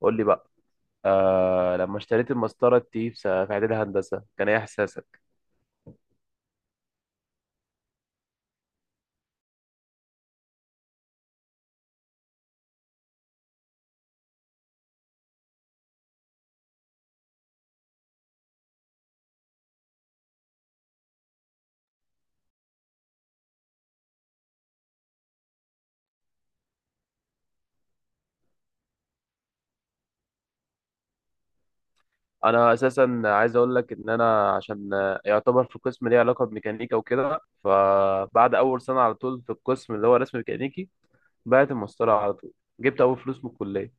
قول لي بقى. لما اشتريت المسطره دي في اعدادي هندسه، كان ايه احساسك؟ انا اساسا عايز اقول لك ان انا عشان يعتبر في قسم ليه علاقه بميكانيكا وكده. فبعد اول سنه على طول في القسم اللي هو رسم ميكانيكي، بعت المسطره على طول. جبت اول فلوس من الكليه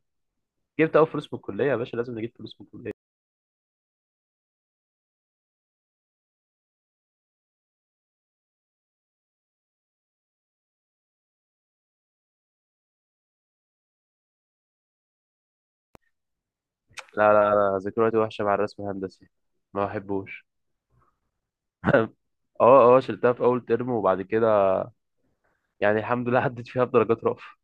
جبت اول فلوس من الكليه يا باشا. لازم نجيب فلوس من الكليه. لا، لا، لا، ذكرياتي وحشه مع الرسم الهندسي. ما بحبوش. اه، اه، شلتها في اول ترم. وبعد كده يعني الحمد لله عدت فيها بدرجات رأفة.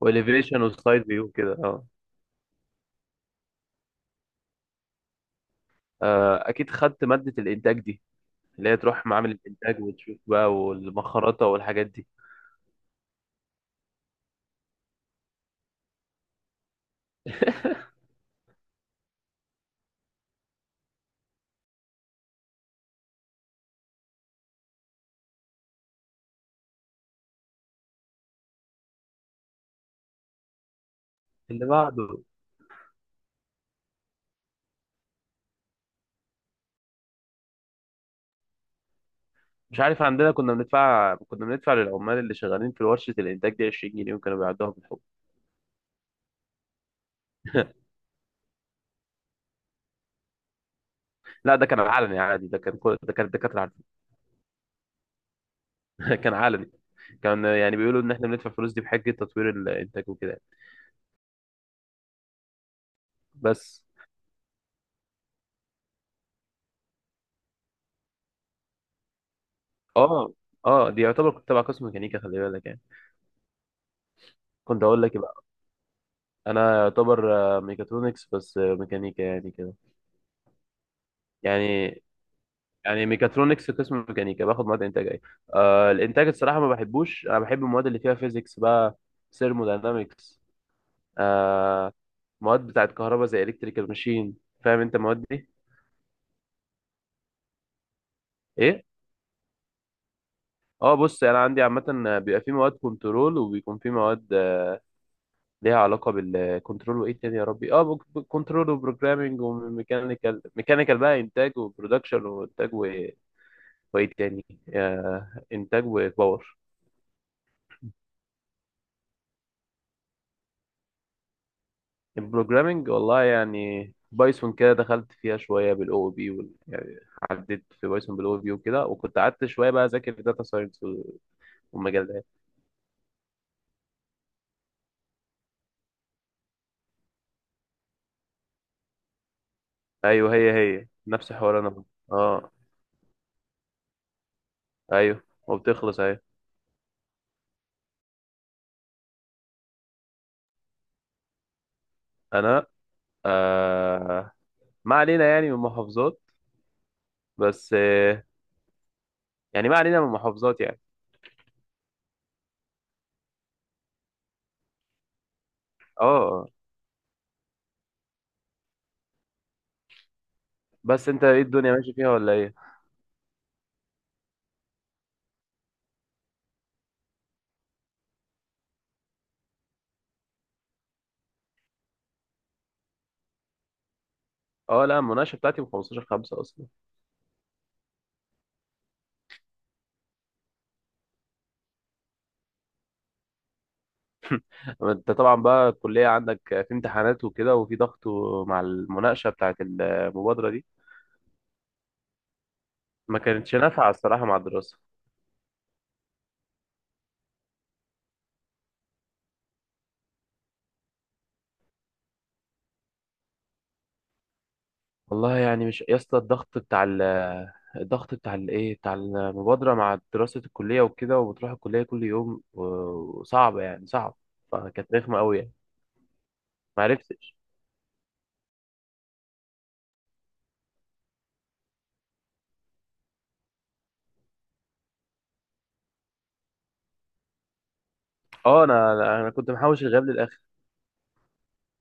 واليفيشن وسايد فيو كده، اه. اكيد خدت مادة الانتاج دي اللي هي تروح معامل الانتاج وتشوف بقى، والمخرطة والحاجات دي. اللي بعده. مش عارف، عندنا كنا بندفع للعمال اللي شغالين في ورشة الانتاج دي 20 جنيه، وكانوا بيعدوها بالحب. لا، ده كان علني عادي، ده كان كل ده كان الدكاترة عارفين. كان علني. كان يعني بيقولوا ان احنا بندفع فلوس دي بحجة تطوير الانتاج وكده. بس. اه، اه، دي يعتبر كنت تبع قسم ميكانيكا، خلي بالك يعني. كنت اقول لك إيه بقى؟ انا يعتبر ميكاترونكس، بس ميكانيكا يعني كده. يعني يعني ميكاترونكس قسم ميكانيكا، باخد مواد انتاج ايه. الانتاج الصراحه ما بحبوش. انا بحب المواد اللي فيها فيزيكس بقى، ثيرموداينامكس. آه. مواد بتاعت كهرباء زي الكتريكال ماشين. فاهم انت المواد دي؟ ايه. اه، بص، انا عندي عامه بيبقى في مواد كنترول، وبيكون في مواد ليها علاقه بالكنترول. وايه تاني يا ربي، اه، كنترول وبروجرامنج وميكانيكال ميكانيكال بقى، انتاج وبرودكشن وانتاج وايه تاني، انتاج وباور. البروجرامينج والله يعني بايثون كده دخلت فيها شويه، بالاو بي يعني عديت في بايثون بالاو بي وكده، وكنت قعدت شويه بقى اذاكر داتا ساينس والمجال ده. ايوه، هي نفس حوار انا. اه. ايوه، وبتخلص اهي. انا آه ما علينا يعني من محافظات. بس يعني ما علينا من محافظات يعني. اه. آه. بس انت ايه، الدنيا ماشي فيها ولا ايه؟ اه، لا، المناقشه بتاعتي من 15/5 اصلا. انت طبعا بقى الكلية عندك في امتحانات وكده، وفي ضغط مع المناقشة بتاعت المبادرة دي. ما كانتش نافعة الصراحة مع الدراسة. والله يعني مش يا اسطى، الضغط بتاع الايه بتاع المبادرة مع دراسة الكلية وكده، وبتروح الكلية كل يوم وصعبة يعني صعب. فكانت رخمة قوي يعني. ما عرفتش. اه، انا انا أنا كنت محوش الغياب للاخر.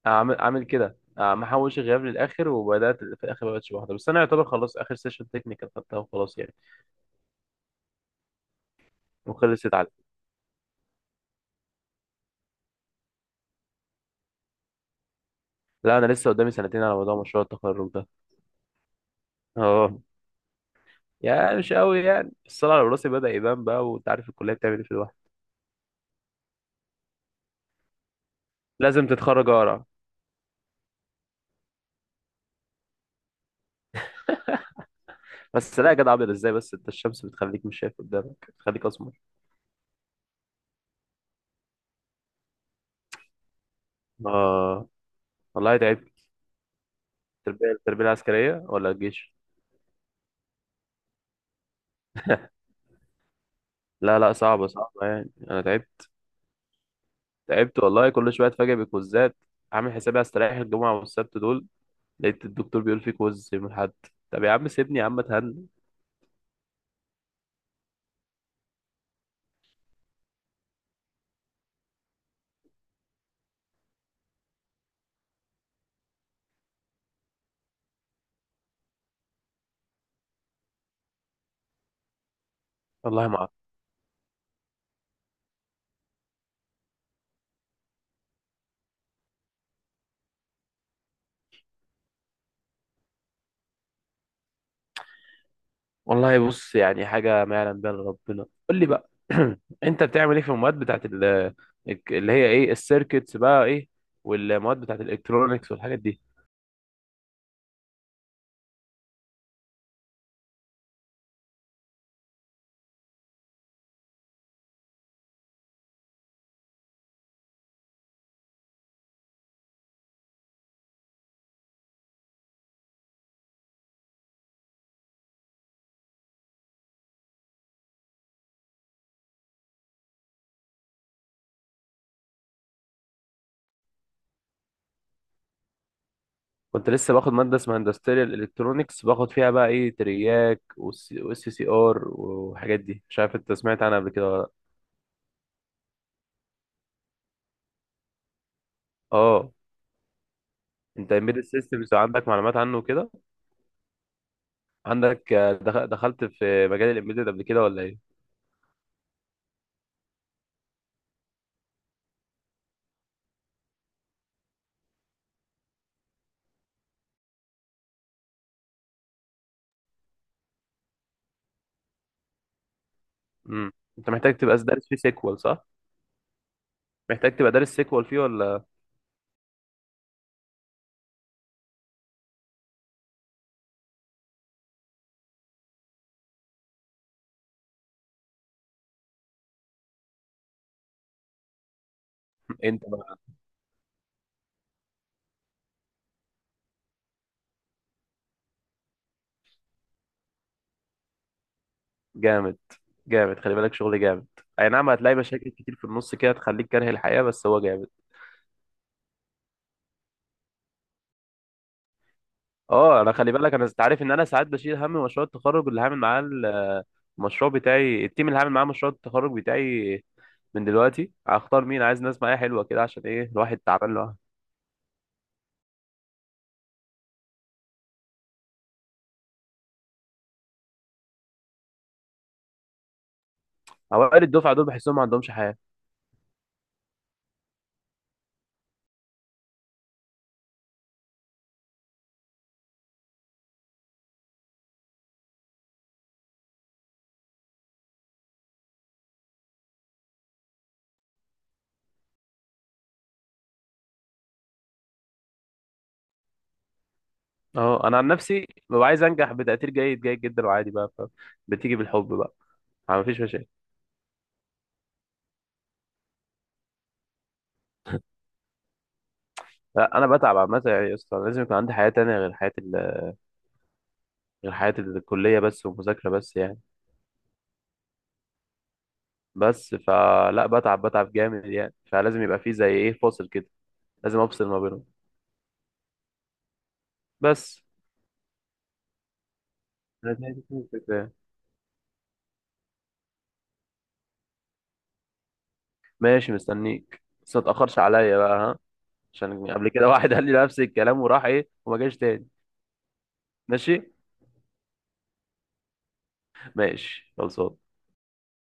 عامل كده، محوش الغياب للاخر. وبدات في الاخر ما بقتش بحضر، بس انا يعتبر خلاص اخر سيشن تكنيكال خدتها وخلاص يعني. وخلصت على. لا، انا لسه قدامي سنتين على موضوع مشروع التخرج ده. اه، يعني مش قوي يعني، الصلاة على راسي بدأ يبان بقى، وانت عارف الكلية بتعمل ايه في الواحد. لازم تتخرج اقرا. بس لا يا جدع، ابيض ازاي؟ بس انت الشمس بتخليك مش شايف قدامك، بتخليك اسمر. اه، والله تعبت. التربية العسكرية ولا الجيش؟ لا، لا، صعبة صعبة يعني، انا تعبت. تعبت والله، كل شوية اتفاجئ بكوزات. عامل حسابي هستريح الجمعة والسبت دول، لقيت الدكتور بيقول في كوز يوم الاحد. طب يا عم سيبني، يا عم اتهنى. والله ما. والله بص، يعني حاجة ما يعلم بها إلا ربنا. قول لي بقى. أنت بتعمل إيه في المواد بتاعت اللي هي إيه، السيركتس بقى، إيه والمواد بتاعت الإلكترونيكس والحاجات دي؟ كنت لسه باخد مادة اسمها اندستريال إلكترونيكس، باخد فيها بقى إيه، ترياك والسي سي آر والحاجات دي. مش عارف أنت سمعت عنها قبل كده ولا لأ؟ أه. أنت إمبيدد سيستمز عندك معلومات عنه كده؟ عندك دخلت في مجال الإمبيدد قبل كده ولا إيه؟ مم. أنت محتاج تبقى دارس فيه سيكوال صح؟ محتاج تبقى دارس سيكوال فيه ولا إيه؟ أنت جامد، جامد، خلي بالك شغل جامد. اي نعم، هتلاقي مشاكل كتير في النص كده تخليك كاره الحياة، بس هو جامد. اه، انا خلي بالك، انا انت عارف ان انا ساعات بشيل هم مشروع التخرج اللي هعمل معاه. المشروع بتاعي، التيم اللي هعمل معاه مشروع التخرج بتاعي، من دلوقتي هختار. مين عايز ناس معايا حلوة كده، عشان ايه الواحد تعبان له. اوائل الدفعة دول بحسهم ما عندهمش حياة. اه، انا عن نفسي ببقى عايز انجح بتقدير جيد، جيد جدا، وعادي بقى. بتيجي بالحب بقى. ما فيش مشاكل. لا، انا بتعب عامة يعني يا اسطى، لازم يكون عندي حياة تانية غير حياتي الكلية بس ومذاكرة بس يعني. بس، فلا بتعب، بتعب جامد يعني، فلازم يبقى فيه زي ايه فاصل كده. لازم افصل ما بينهم. بس. أنا دي كل الفكرة يعني. ماشي، مستنيك، بس ما تأخرش عليا بقى، ها؟ عشان قبل كده واحد قال لي نفس الكلام وراح ايه وما جاش تاني. ماشي، ماشي، خلصان.